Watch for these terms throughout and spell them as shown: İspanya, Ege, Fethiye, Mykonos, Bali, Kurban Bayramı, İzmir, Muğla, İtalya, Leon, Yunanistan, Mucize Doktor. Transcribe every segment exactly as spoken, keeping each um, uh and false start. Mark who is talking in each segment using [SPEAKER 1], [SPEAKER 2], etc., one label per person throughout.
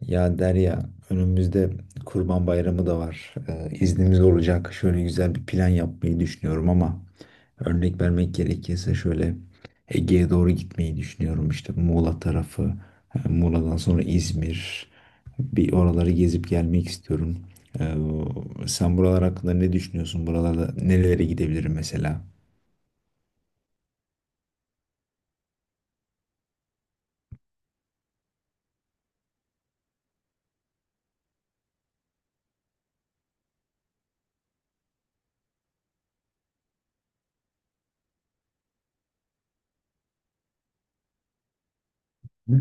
[SPEAKER 1] Ya Derya, önümüzde Kurban Bayramı da var. Ee, iznimiz olacak. Şöyle güzel bir plan yapmayı düşünüyorum ama örnek vermek gerekirse şöyle Ege'ye doğru gitmeyi düşünüyorum. İşte Muğla tarafı, e, Muğla'dan sonra İzmir. Bir oraları gezip gelmek istiyorum. Ee, Sen buralar hakkında ne düşünüyorsun? Buralarda nerelere gidebilirim mesela? Hı?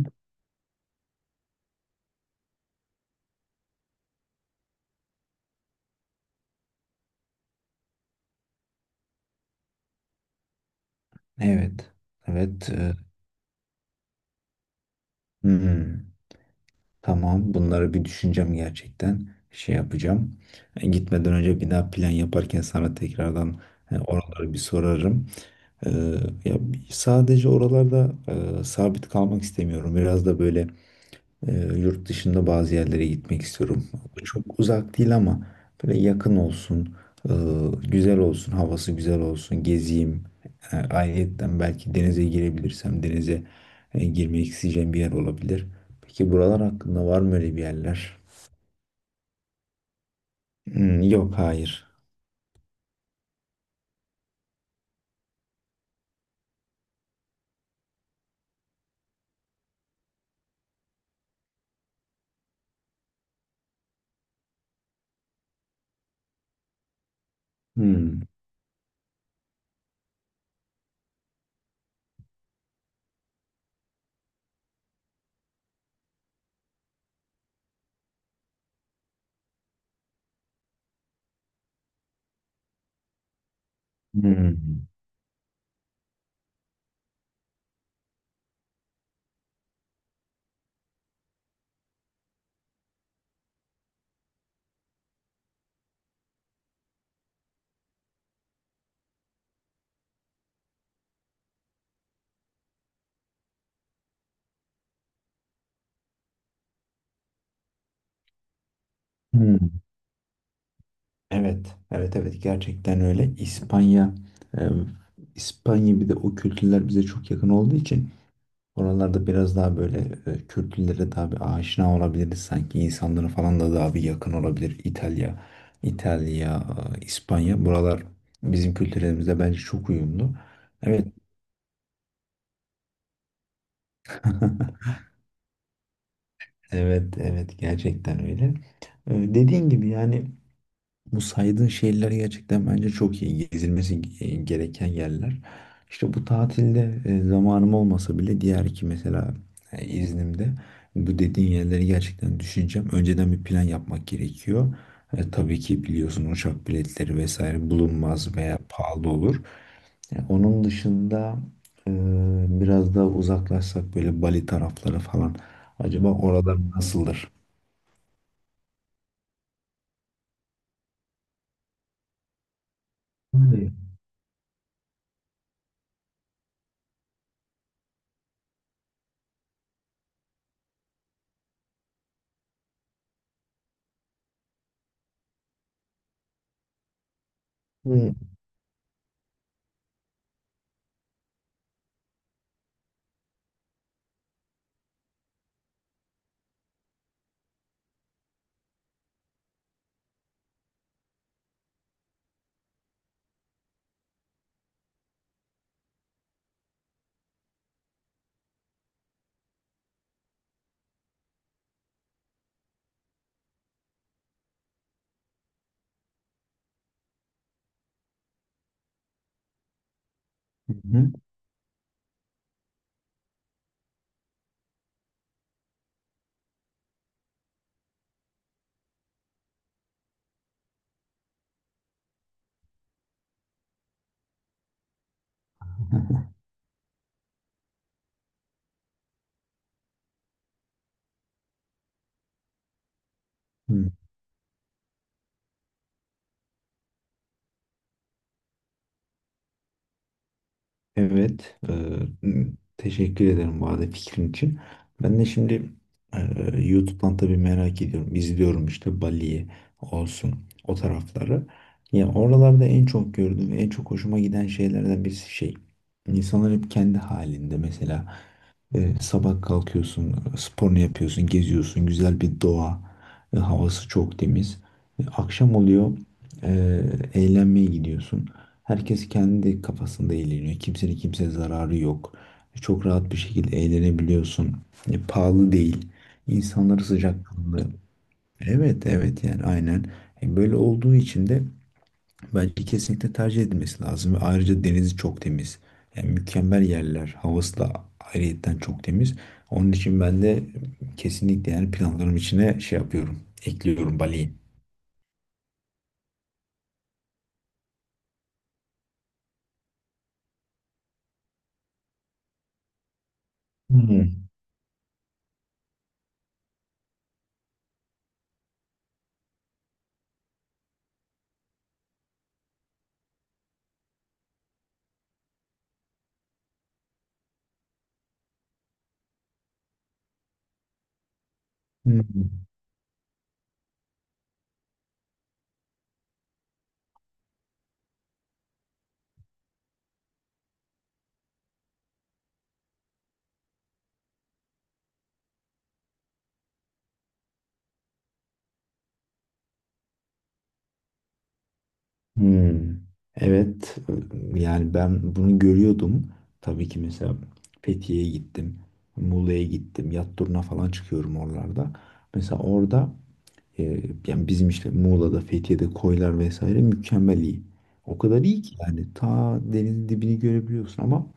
[SPEAKER 1] Evet. Evet. e, Hmm. Tamam, bunları bir düşüneceğim gerçekten. Şey yapacağım. E, Gitmeden önce bir daha plan yaparken sana tekrardan e, oraları bir sorarım. E, Ya bir- sadece oralarda e, sabit kalmak istemiyorum. Biraz da böyle ee, yurt dışında bazı yerlere gitmek istiyorum. Çok uzak değil ama böyle yakın olsun, e, güzel olsun, havası güzel olsun, gezeyim. E, ayrıyetten belki denize girebilirsem denize e, girmek isteyeceğim bir yer olabilir. Peki buralar hakkında var mı öyle bir yerler? Hmm, yok, hayır. Hmm, hmm, hmm. Evet, evet, evet gerçekten öyle. İspanya, e, İspanya bir de o kültürler bize çok yakın olduğu için. Oralarda biraz daha böyle e, kültürlere daha bir aşina olabiliriz sanki. İnsanlara falan da daha bir yakın olabilir. İtalya, İtalya, e, İspanya. Buralar bizim kültürlerimizle bence çok uyumlu. Evet, evet, evet gerçekten öyle. E, Dediğin gibi yani bu saydığın şehirler gerçekten bence çok iyi. Gezilmesi e, gereken yerler. İşte bu tatilde e, zamanım olmasa bile diğer iki mesela e, iznimde bu dediğin yerleri gerçekten düşüneceğim. Önceden bir plan yapmak gerekiyor. E, tabii ki biliyorsun uçak biletleri vesaire bulunmaz veya pahalı olur. E, onun dışında e, biraz daha uzaklaşsak böyle Bali tarafları falan. Acaba oralar nasıldır? Hı. Hı. Hı. Hı. Evet, eee, teşekkür ederim bu arada fikrin için. Ben de şimdi eee, YouTube'dan tabii merak ediyorum. İzliyorum işte Bali'yi olsun o tarafları. Ya oralarda en çok gördüğüm, en çok hoşuma giden şeylerden birisi şey. İnsanlar hep kendi halinde mesela e, sabah kalkıyorsun, sporunu yapıyorsun, geziyorsun, güzel bir doğa, e, havası çok temiz. E, akşam oluyor, e, eğlenmeye gidiyorsun. Herkes kendi kafasında eğleniyor. Kimsenin kimseye zararı yok. E, Çok rahat bir şekilde eğlenebiliyorsun. E, pahalı değil. İnsanları sıcakkanlı. Evet, evet yani aynen. E, böyle olduğu için de bence kesinlikle tercih edilmesi lazım. Ve ayrıca denizi çok temiz. Yani mükemmel yerler. Havası da ayrıyetten çok temiz. Onun için ben de kesinlikle yani planlarım içine şey yapıyorum. Ekliyorum Bali'yi. Hmm. Hmm. Hmm. Evet. Yani ben bunu görüyordum. Tabii ki mesela Fethiye'ye gittim. Muğla'ya gittim. Yat turuna falan çıkıyorum oralarda. Mesela orada Ee, yani bizim işte Muğla'da, Fethiye'de koylar vesaire mükemmel iyi. O kadar iyi ki yani ta denizin dibini görebiliyorsun ama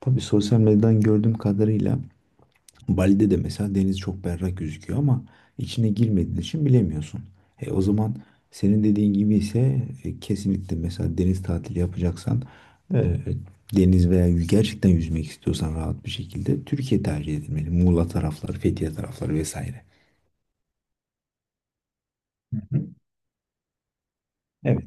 [SPEAKER 1] tabii sosyal medyadan gördüğüm kadarıyla Bali'de de mesela deniz çok berrak gözüküyor ama içine girmediğin için bilemiyorsun. E, o zaman senin dediğin gibi ise e, kesinlikle mesela deniz tatili yapacaksan e, deniz veya yü- gerçekten yüzmek istiyorsan rahat bir şekilde Türkiye tercih edilmeli. Muğla tarafları, Fethiye tarafları vesaire. Hı. Evet.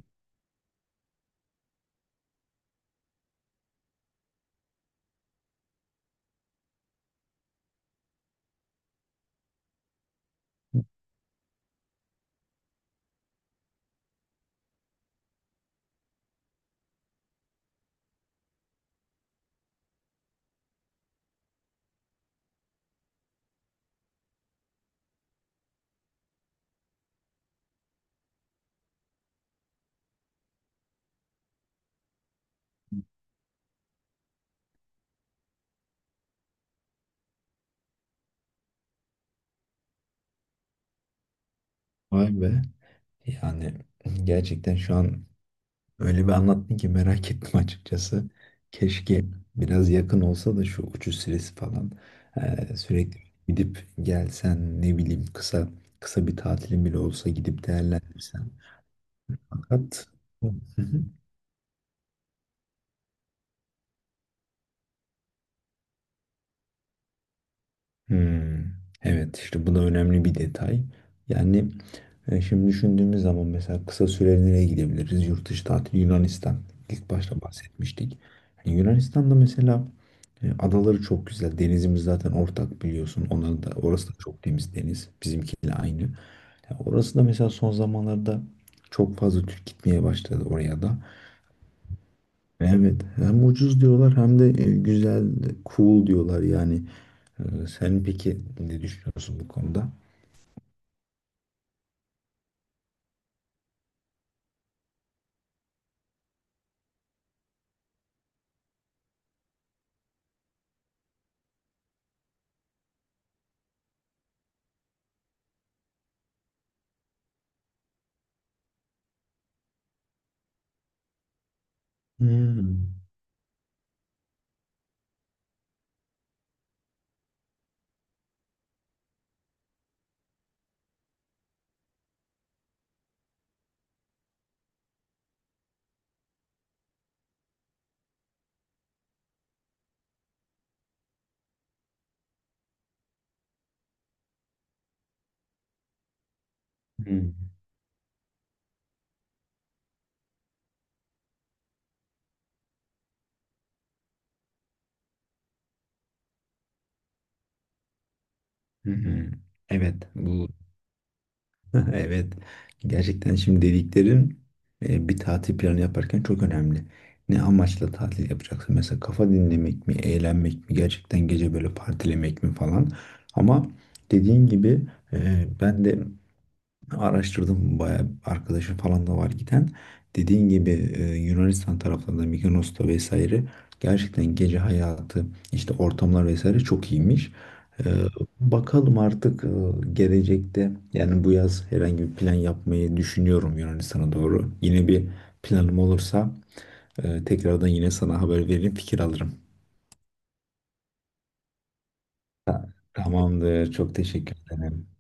[SPEAKER 1] Vay be. Yani gerçekten şu an öyle bir anlattın ki merak ettim açıkçası. Keşke biraz yakın olsa da şu uçuş süresi falan eee, sürekli gidip gelsen ne bileyim kısa kısa bir tatilin bile olsa gidip değerlendirsen. Fakat hı hı. Hmm, evet işte bu da önemli bir detay. Yani e, şimdi düşündüğümüz zaman mesela kısa süreli nereye gidebiliriz? Yurt dışı tatil Yunanistan. İlk başta bahsetmiştik. Yani Yunanistan'da mesela e, adaları çok güzel. Denizimiz zaten ortak biliyorsun. Onların da, orası da çok temiz deniz. Bizimkiyle aynı. Ya orası da mesela son zamanlarda çok fazla Türk gitmeye başladı oraya da. Evet, hem ucuz diyorlar hem de e, güzel, cool diyorlar yani. E, Sen peki ne düşünüyorsun bu konuda? Hmm. Hmm. Hı hı. Evet, bu evet gerçekten şimdi dediklerin e, bir tatil planı yaparken çok önemli. Ne amaçla tatil yapacaksın? Mesela kafa dinlemek mi, eğlenmek mi, gerçekten gece böyle partilemek mi falan. Ama dediğin gibi e, ben de araştırdım bayağı arkadaşım falan da var giden. Dediğin gibi e, Yunanistan taraflarında Mykonos'ta vesaire gerçekten gece hayatı işte ortamlar vesaire çok iyiymiş. E, Bakalım artık e, gelecekte yani bu yaz herhangi bir plan yapmayı düşünüyorum Yunanistan'a doğru. Yine bir planım olursa e, tekrardan yine sana haber veririm fikir alırım. Tamamdır. Çok teşekkür ederim.